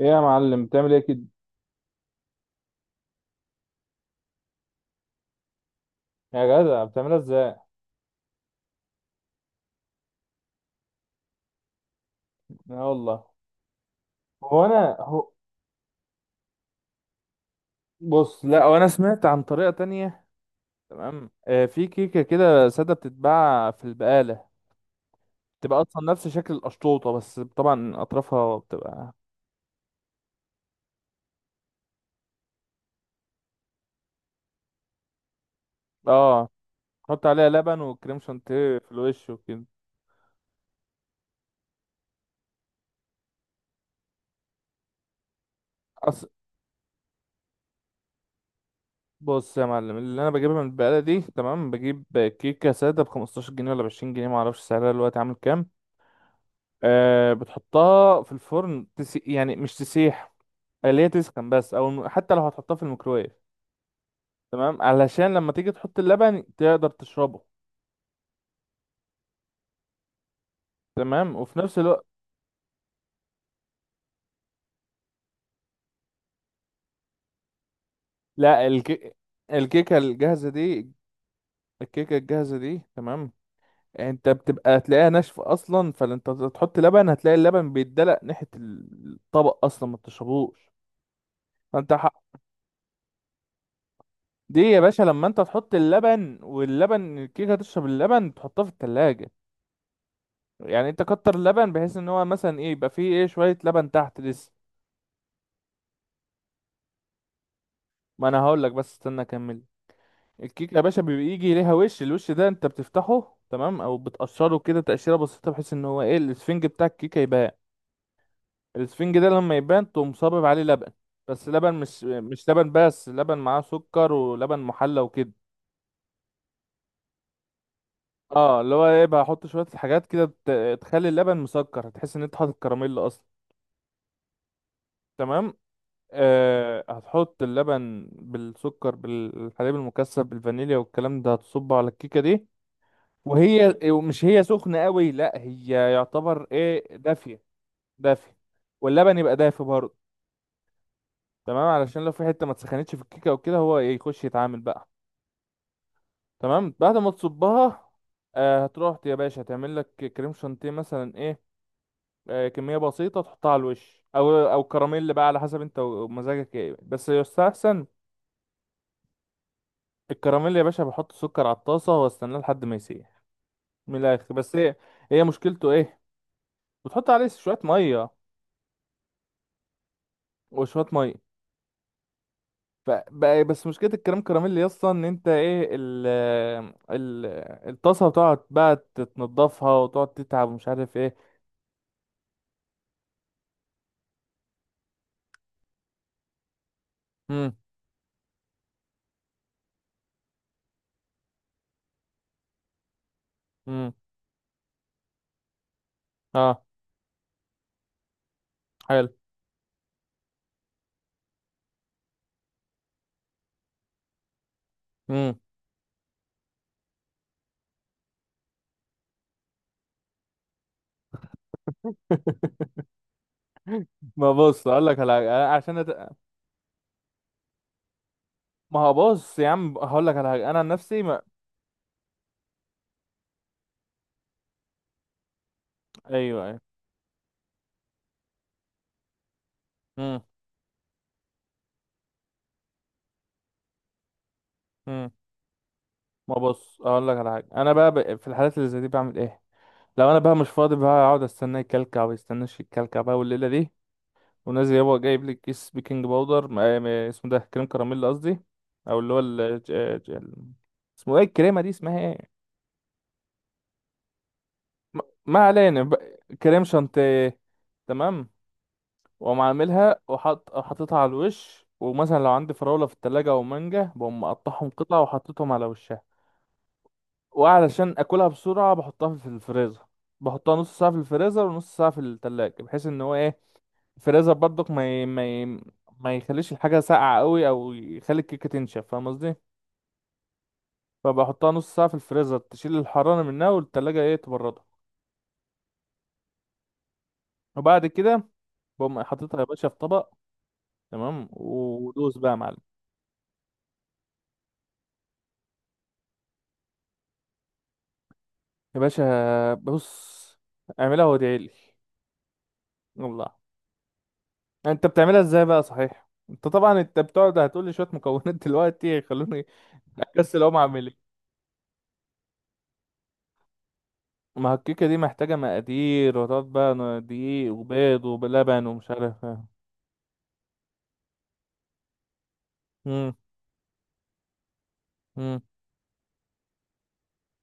ايه يا معلم بتعمل ايه كده؟ يا جدع بتعملها ازاي؟ لا والله. هو انا هو بص، لا هو انا سمعت عن طريقه تانية. تمام. آه، في كيكه كده ساده بتتباع في البقاله. بتبقى اصلا نفس شكل القشطوطه، بس طبعا اطرافها بتبقى. اه، تحط عليها لبن وكريم شانتيه في الوش وكده. أص... بص يا معلم، اللي انا بجيبها من البقاله دي تمام. بجيب كيكه ساده ب 15 جنيه ولا ب 20 جنيه. ما اعرفش سعرها دلوقتي عامل كام؟ آه، بتحطها في الفرن يعني مش تسيح. اللي هي تسخن بس، او حتى لو هتحطها في الميكرويف. تمام، علشان لما تيجي تحط اللبن تقدر تشربه. تمام، وفي نفس الوقت. لا الكيكه الجاهزه دي الكيكه الجاهزه دي تمام. انت بتبقى تلاقيها ناشفه اصلا، فانت تحط لبن هتلاقي اللبن بيتدلق ناحيه الطبق اصلا ما تشربوش. فانت ح... دي يا باشا، لما انت تحط اللبن واللبن الكيكه تشرب اللبن تحطها في التلاجة. يعني انت كتر اللبن بحيث ان هو مثلا ايه، يبقى فيه ايه شويه لبن تحت لسه. ما انا هقول لك، بس استنى اكمل. الكيك يا باشا بيبقى يجي ليها وش، الوش ده انت بتفتحه تمام او بتقشره كده تقشيره بسيطه، بحيث ان هو ايه الاسفنج بتاع الكيكه يبان. الاسفنج ده لما يبان تقوم صابب عليه لبن. بس لبن، مش لبن بس، لبن معاه سكر ولبن محلى وكده. اه، اللي هو ايه بقى احط شويه حاجات كده تخلي اللبن مسكر، هتحس ان انت حاطط كراميل اصلا. تمام. آه، هتحط اللبن بالسكر بالحليب المكثف بالفانيليا، والكلام ده هتصبه على الكيكه دي. وهي ومش هي سخنة قوي، لا هي يعتبر ايه دافية. دافية. واللبن يبقى دافي برضه. تمام، علشان لو في حتة ما تسخنتش في الكيكة او كده هو إيه، يخش يتعامل بقى. تمام، بعد ما تصبها. آه، هتروح يا باشا تعمل لك كريم شانتيه مثلا ايه. آه، كمية بسيطة تحطها على الوش، او كراميل بقى، على حسب انت ومزاجك ايه، بس يستحسن. الكراميل يا باشا بحط سكر على الطاسة واستناه لحد ما يسيح. من الاخر، بس ايه، هي مشكلته ايه؟ بتحط عليه شوية مية، وشوية مية. بس مشكلة الكريم كراميل يا اسطى ان انت ايه ال ال الطاسة بتقعد بقى تتنضفها وتقعد تتعب ومش عارف ايه. امم. امم. اه، حلو. امم. ما بص، اقول لك على حاجة أنا عشان. ما هو بص يا عم، هقول لك على حاجة انا عن نفسي ما... ايوه، ايوه. امم. امم. ما بص، اقول لك على حاجة انا بقى في الحالات اللي زي دي بعمل ايه؟ لو انا بقى مش فاضي، بقى اقعد استناه يكلكع ويستناش يكلكع بقى والليلة دي. ونازل هو جايب لك كيس بيكنج باودر اسمه ده كريم كراميل قصدي. او اللي هو ج- ال- اسمه ايه الكريمه دي، اسمها ايه؟ م- ما علينا، كريم شانتيه. تمام، واقوم عاملها وحط حاططها على الوش، ومثلا لو عندي فراوله في التلاجة او مانجا بقوم مقطعهم قطع وحطيتهم على وشها. وعلشان اكلها بسرعه بحطها في الفريزر. بحطها نص ساعه في الفريزر ونص ساعه في التلاجة، بحيث ان هو ايه، فريزر برضك ما يخليش الحاجة ساقعة قوي، او يخلي الكيكة تنشف، فاهم قصدي؟ فبحطها نص ساعة في الفريزر تشيل الحرارة منها، والتلاجة ايه تبردها. وبعد كده بقوم حاططها يا باشا في طبق. تمام، ودوس بقى يا معلم. يا باشا بص، اعملها وادعي لي. والله. انت بتعملها ازاي بقى، صحيح؟ انت طبعا انت بتقعد هتقول لي شوية مكونات دلوقتي، خلوني اكسل اقوم اعمل ايه. ما هو الكيكة دي محتاجة مقادير، وتقعد بقى دقيق وبيض ولبن ومش عارف. مم. مم.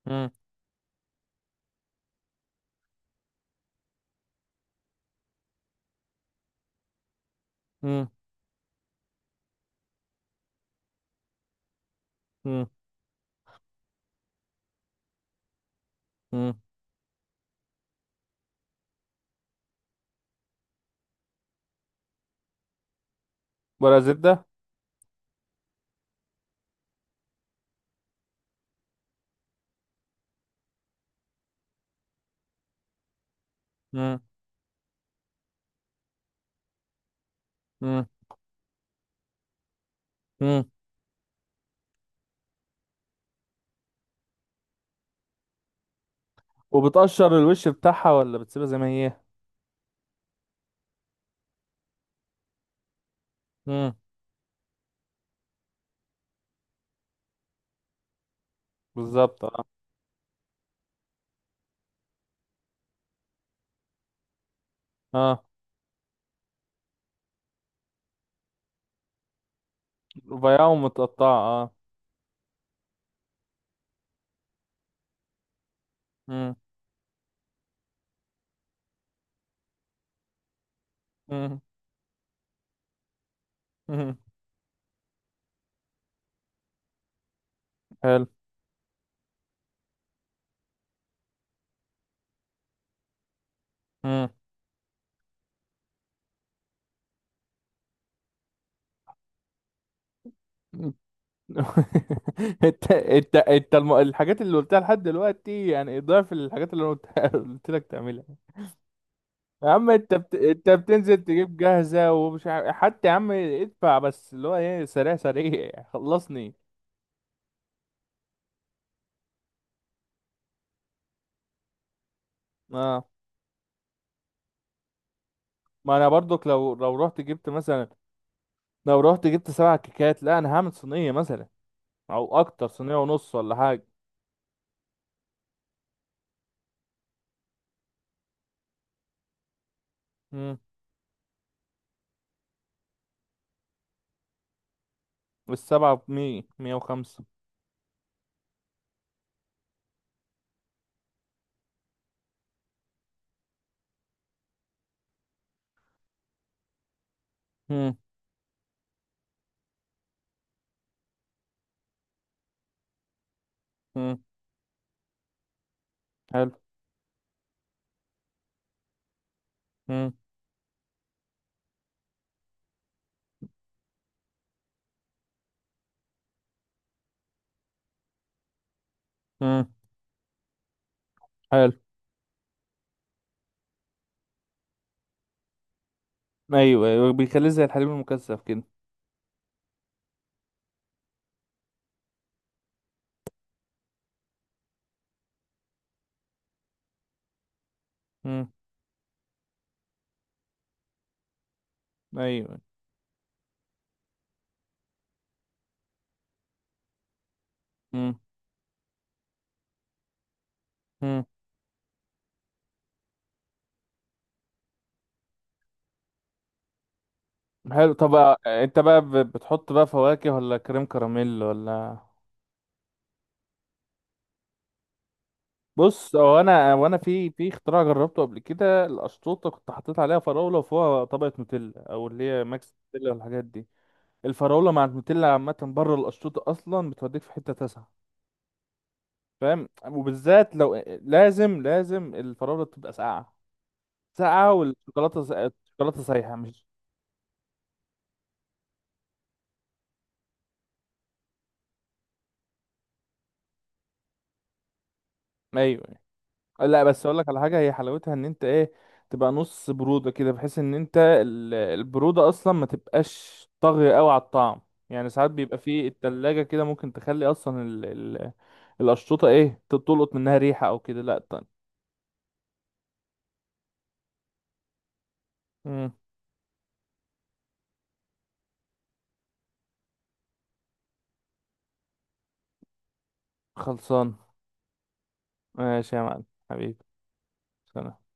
مم. مم. مم. مم. ورق زبدة. مم. مم. مم. وبتقشر الوش بتاعها ولا بتسيبها زي ما هي؟ مم. بالظبط، اه. اه، رفيعة ومتقطعة، اه. مم. مم. مم. حلو. مم. انت الحاجات اللي قلتها لحد دلوقتي يعني ضعف الحاجات اللي انا قلتها. قلت لك تعملها. يا عم انت بتنزل تجيب جاهزة ومش عارف، حتى يا عم ادفع بس اللي هو ايه سريع سريع خلصني. اه، ما انا برضك لو رحت جبت مثلا. لو رحت جبت سبع كيكات، لا، انا هعمل صينية مثلا، او اكتر، صينية ونص ولا حاجة. امم. والسبعة ب100، 105. امم. امم. حلو. امم. امم. حلو. ايوه، ايوه، بيخليه زي الحليب المكثف كده. امم. ايوه. امم. امم. حلو. طب، آه. انت بقى بتحط بقى فواكه ولا كريم كراميل ولا؟ بص، هو انا وانا في اختراع جربته قبل كده. الاشطوطه كنت حطيت عليها فراوله وفوقها طبقه نوتيلا، او اللي هي ماكس نوتيلا والحاجات دي. الفراوله مع النوتيلا عامه، بره الاشطوطه اصلا بتوديك في حته تسعه. فاهم، وبالذات لو لازم لازم الفراوله تبقى ساقعه. ساقعه، الشوكولاته سايحه مش. ايوه. لا، بس اقول لك على حاجه، هي حلاوتها ان انت ايه تبقى نص بروده كده، بحيث ان انت البروده اصلا ما تبقاش طاغيه قوي على الطعم. يعني ساعات بيبقى في التلاجة كده، ممكن تخلي اصلا ال ال الاشطوطه ايه تلقط منها ريحه او كده، لا طن. مم. خلصان. ماشي يا معلم. حبيبي. سلام.